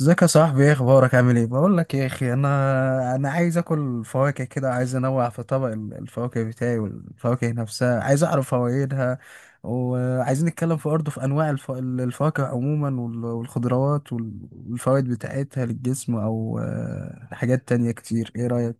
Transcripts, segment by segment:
ازيك يا صاحبي، ايه اخبارك؟ عامل ايه؟ بقول لك يا اخي، انا عايز اكل فواكه كده، عايز انوع في طبق الفواكه بتاعي، والفواكه نفسها عايز اعرف فوائدها. وعايزين نتكلم في برضه في انواع الفواكه عموما والخضروات والفوائد بتاعتها للجسم، او حاجات تانية كتير. ايه رأيك؟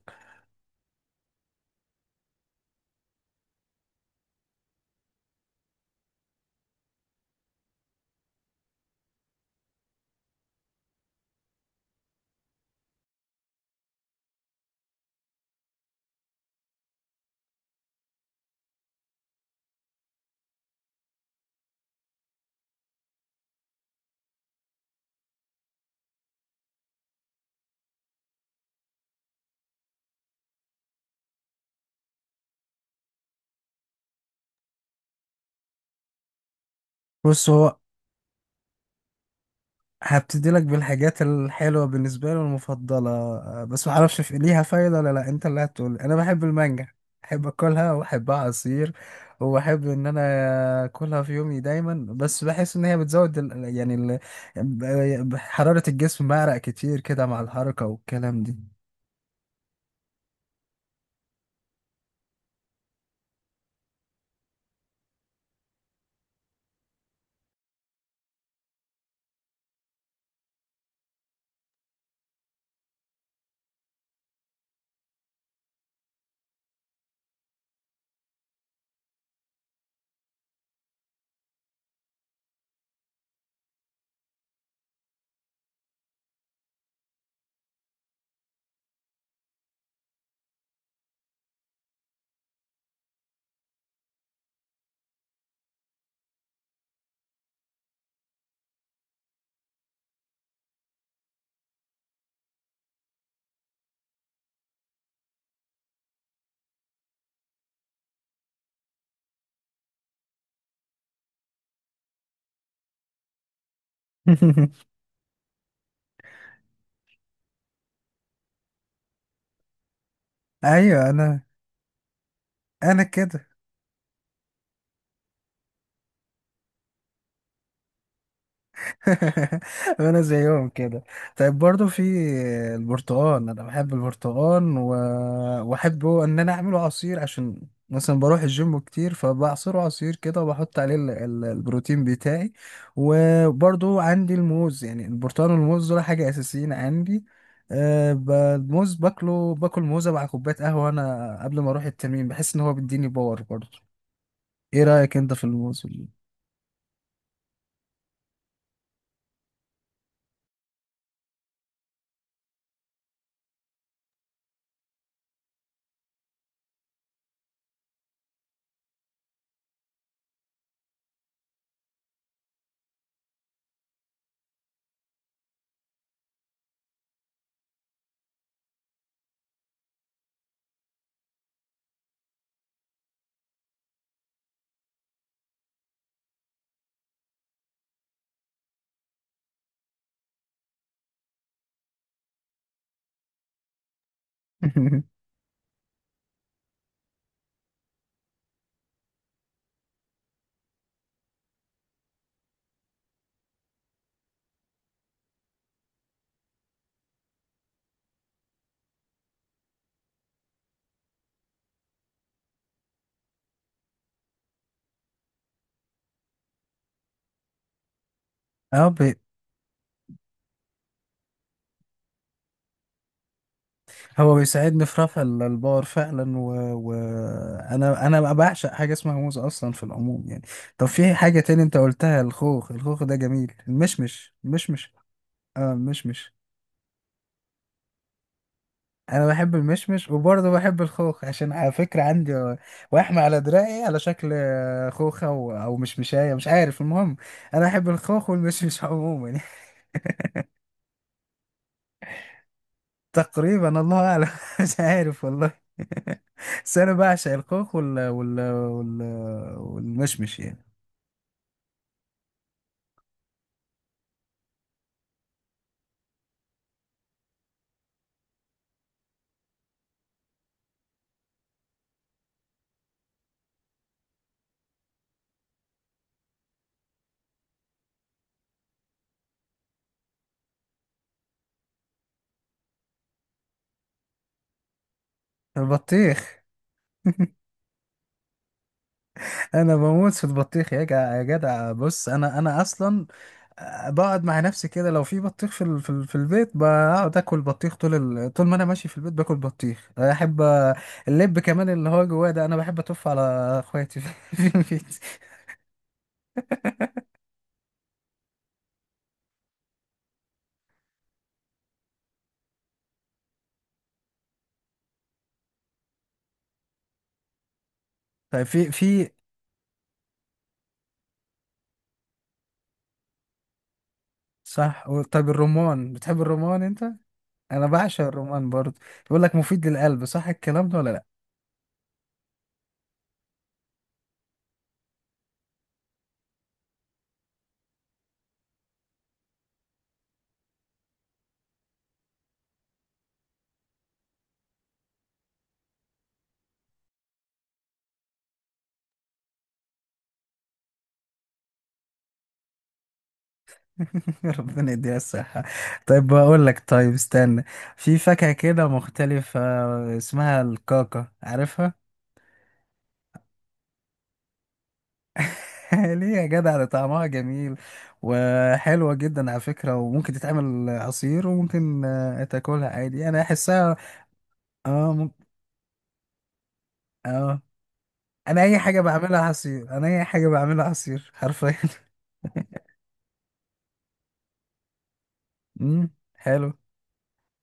بص هو هبتدي لك بالحاجات الحلوة بالنسبة لي والمفضلة، بس ما اعرفش في ليها فايدة ولا لا، انت اللي هتقول. انا بحب المانجا، احب اكلها واحبها عصير، واحب ان انا اكلها في يومي دايما. بس بحس ان هي بتزود ال... يعني ال... ب- حرارة الجسم، بعرق كتير كده مع الحركة والكلام دي. ايوه انا، انا كده. انا زيهم كده. طيب برضو في البرتقال، انا بحب البرتقال واحبه ان انا اعمله عصير، عشان مثلا بروح الجيم كتير، فبعصره عصير كده وبحط عليه البروتين بتاعي. وبرضو عندي الموز، يعني البرتقال والموز دول حاجة اساسيين عندي. الموز باكله، باكل موزة مع كوباية قهوة انا قبل ما اروح التمرين، بحس ان هو بيديني باور برضو. ايه رأيك انت في الموز اه، هو بيساعدني في رفع البار فعلا، وانا و... و- انا أنا بعشق حاجه اسمها موز اصلا في العموم يعني. طب في حاجه تاني انت قلتها، الخوخ، الخوخ ده جميل، المشمش، المشمش. اه المشمش، انا بحب المشمش وبرضه بحب الخوخ، عشان على فكره عندي وحمة على دراعي على شكل خوخه او أو مشمشايه، مش عارف. المهم انا بحب الخوخ والمشمش عموما. تقريبا، الله اعلم. مش عارف والله. بس انا بعشق الخوخ والمشمش يعني. البطيخ. انا بموت في البطيخ يا جدع يا جدع. بص انا اصلا، بقعد مع نفسي كده لو في بطيخ في البيت، بقعد اكل بطيخ طول طول ما انا ماشي في البيت باكل بطيخ. احب اللب كمان اللي هو جواه ده، انا بحب اتف على اخواتي في في البيت. طيب في في صح. طيب الرمان، بتحب الرمان انت؟ انا بعشق الرمان برضه، بيقول لك مفيد للقلب، صح الكلام ده ولا لا؟ ربنا يديها الصحة. طيب بقول لك، طيب استنى، في فاكهة كده مختلفة اسمها الكاكا، عارفها؟ ليه يا جدع، ده طعمها جميل وحلوة جدا على فكرة، وممكن تتعمل عصير وممكن تاكلها عادي، انا احسها. اه اه، انا اي حاجة بعملها عصير، انا اي حاجة بعملها عصير حرفيا. حلو.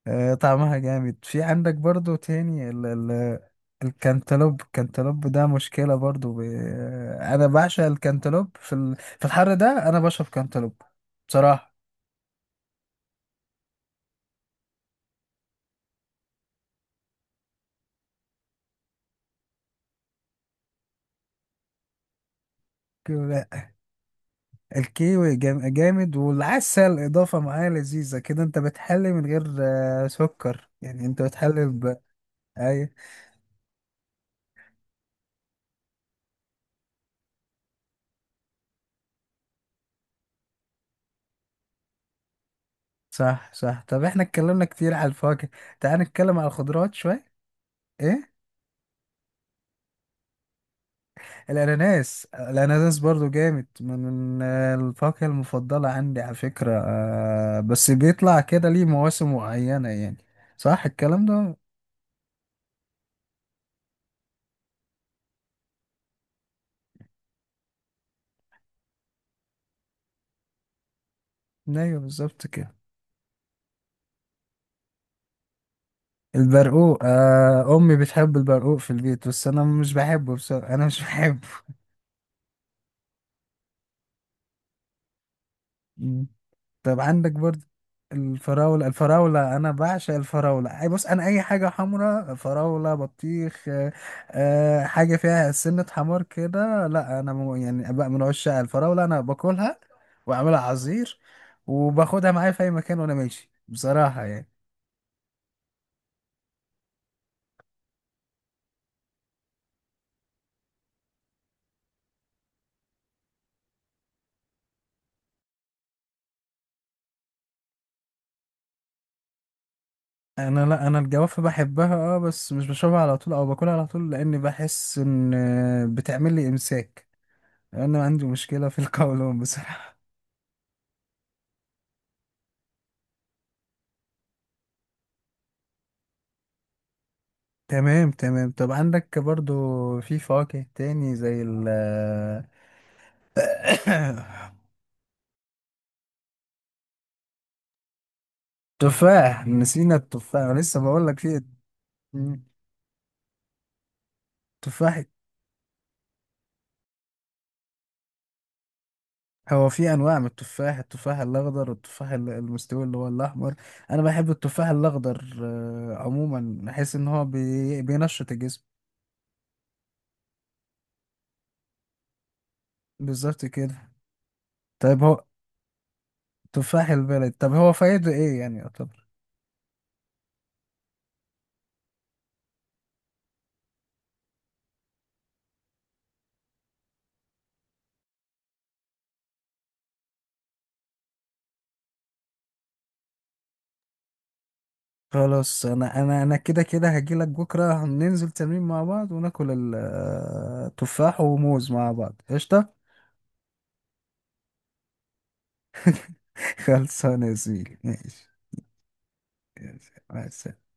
طعمها جامد. في عندك برضو تاني ال ال الكنتالوب، الكنتالوب ده مشكلة برضو ب... آه، أنا بعشق الكنتالوب في في الحر ده أنا بشرب كنتالوب بصراحة كده. الكيوي جامد، والعسل إضافة معاه لذيذة كده، أنت بتحلي من غير سكر يعني، أنت بتحلي ب... أي. صح صح. طب إحنا اتكلمنا كتير على الفواكه، تعال نتكلم على الخضروات شوية. إيه؟ الاناناس، الاناناس برضو جامد، من الفاكهة المفضلة عندي على فكرة، بس بيطلع كده ليه مواسم معينة يعني، صح الكلام ده؟ ايوه بالظبط كده. البرقوق، آه امي بتحب البرقوق في البيت بس انا مش بحبه بصراحة، انا مش بحبه. مم. طب عندك برضه الفراولة، الفراولة، أنا بعشق الفراولة. أي بص، أنا أي حاجة حمرا: فراولة، بطيخ، حاجة فيها سنة حمار كده، لا أنا يعني بقى من عشاق الفراولة، أنا باكلها وأعملها عصير وباخدها معايا في أي مكان وأنا ماشي بصراحة يعني. أنا لا، أنا الجوافة بحبها أه، بس مش بشربها على طول أو باكلها على طول، لأني بحس إن بتعمل لي إمساك، أنا عندي مشكلة في القولون بصراحة. تمام تمام. طب عندك برضو في فواكه تاني زي ال... تفاح، نسينا التفاح لسه بقول لك في... مم. تفاح. هو في انواع من التفاح: التفاح الاخضر والتفاح المستوي اللي هو الاحمر. انا بحب التفاح الاخضر، عموما بحس ان هو بينشط الجسم. بالظبط كده. طيب هو تفاح البلد، طب هو فايده ايه يعني؟ خلاص، انا كده كده هجيلك بكره، ننزل تمرين مع بعض وناكل تفاح وموز مع بعض، قشطه. خلصانه يا زميلي، ماشي. ماشي مع السلامة.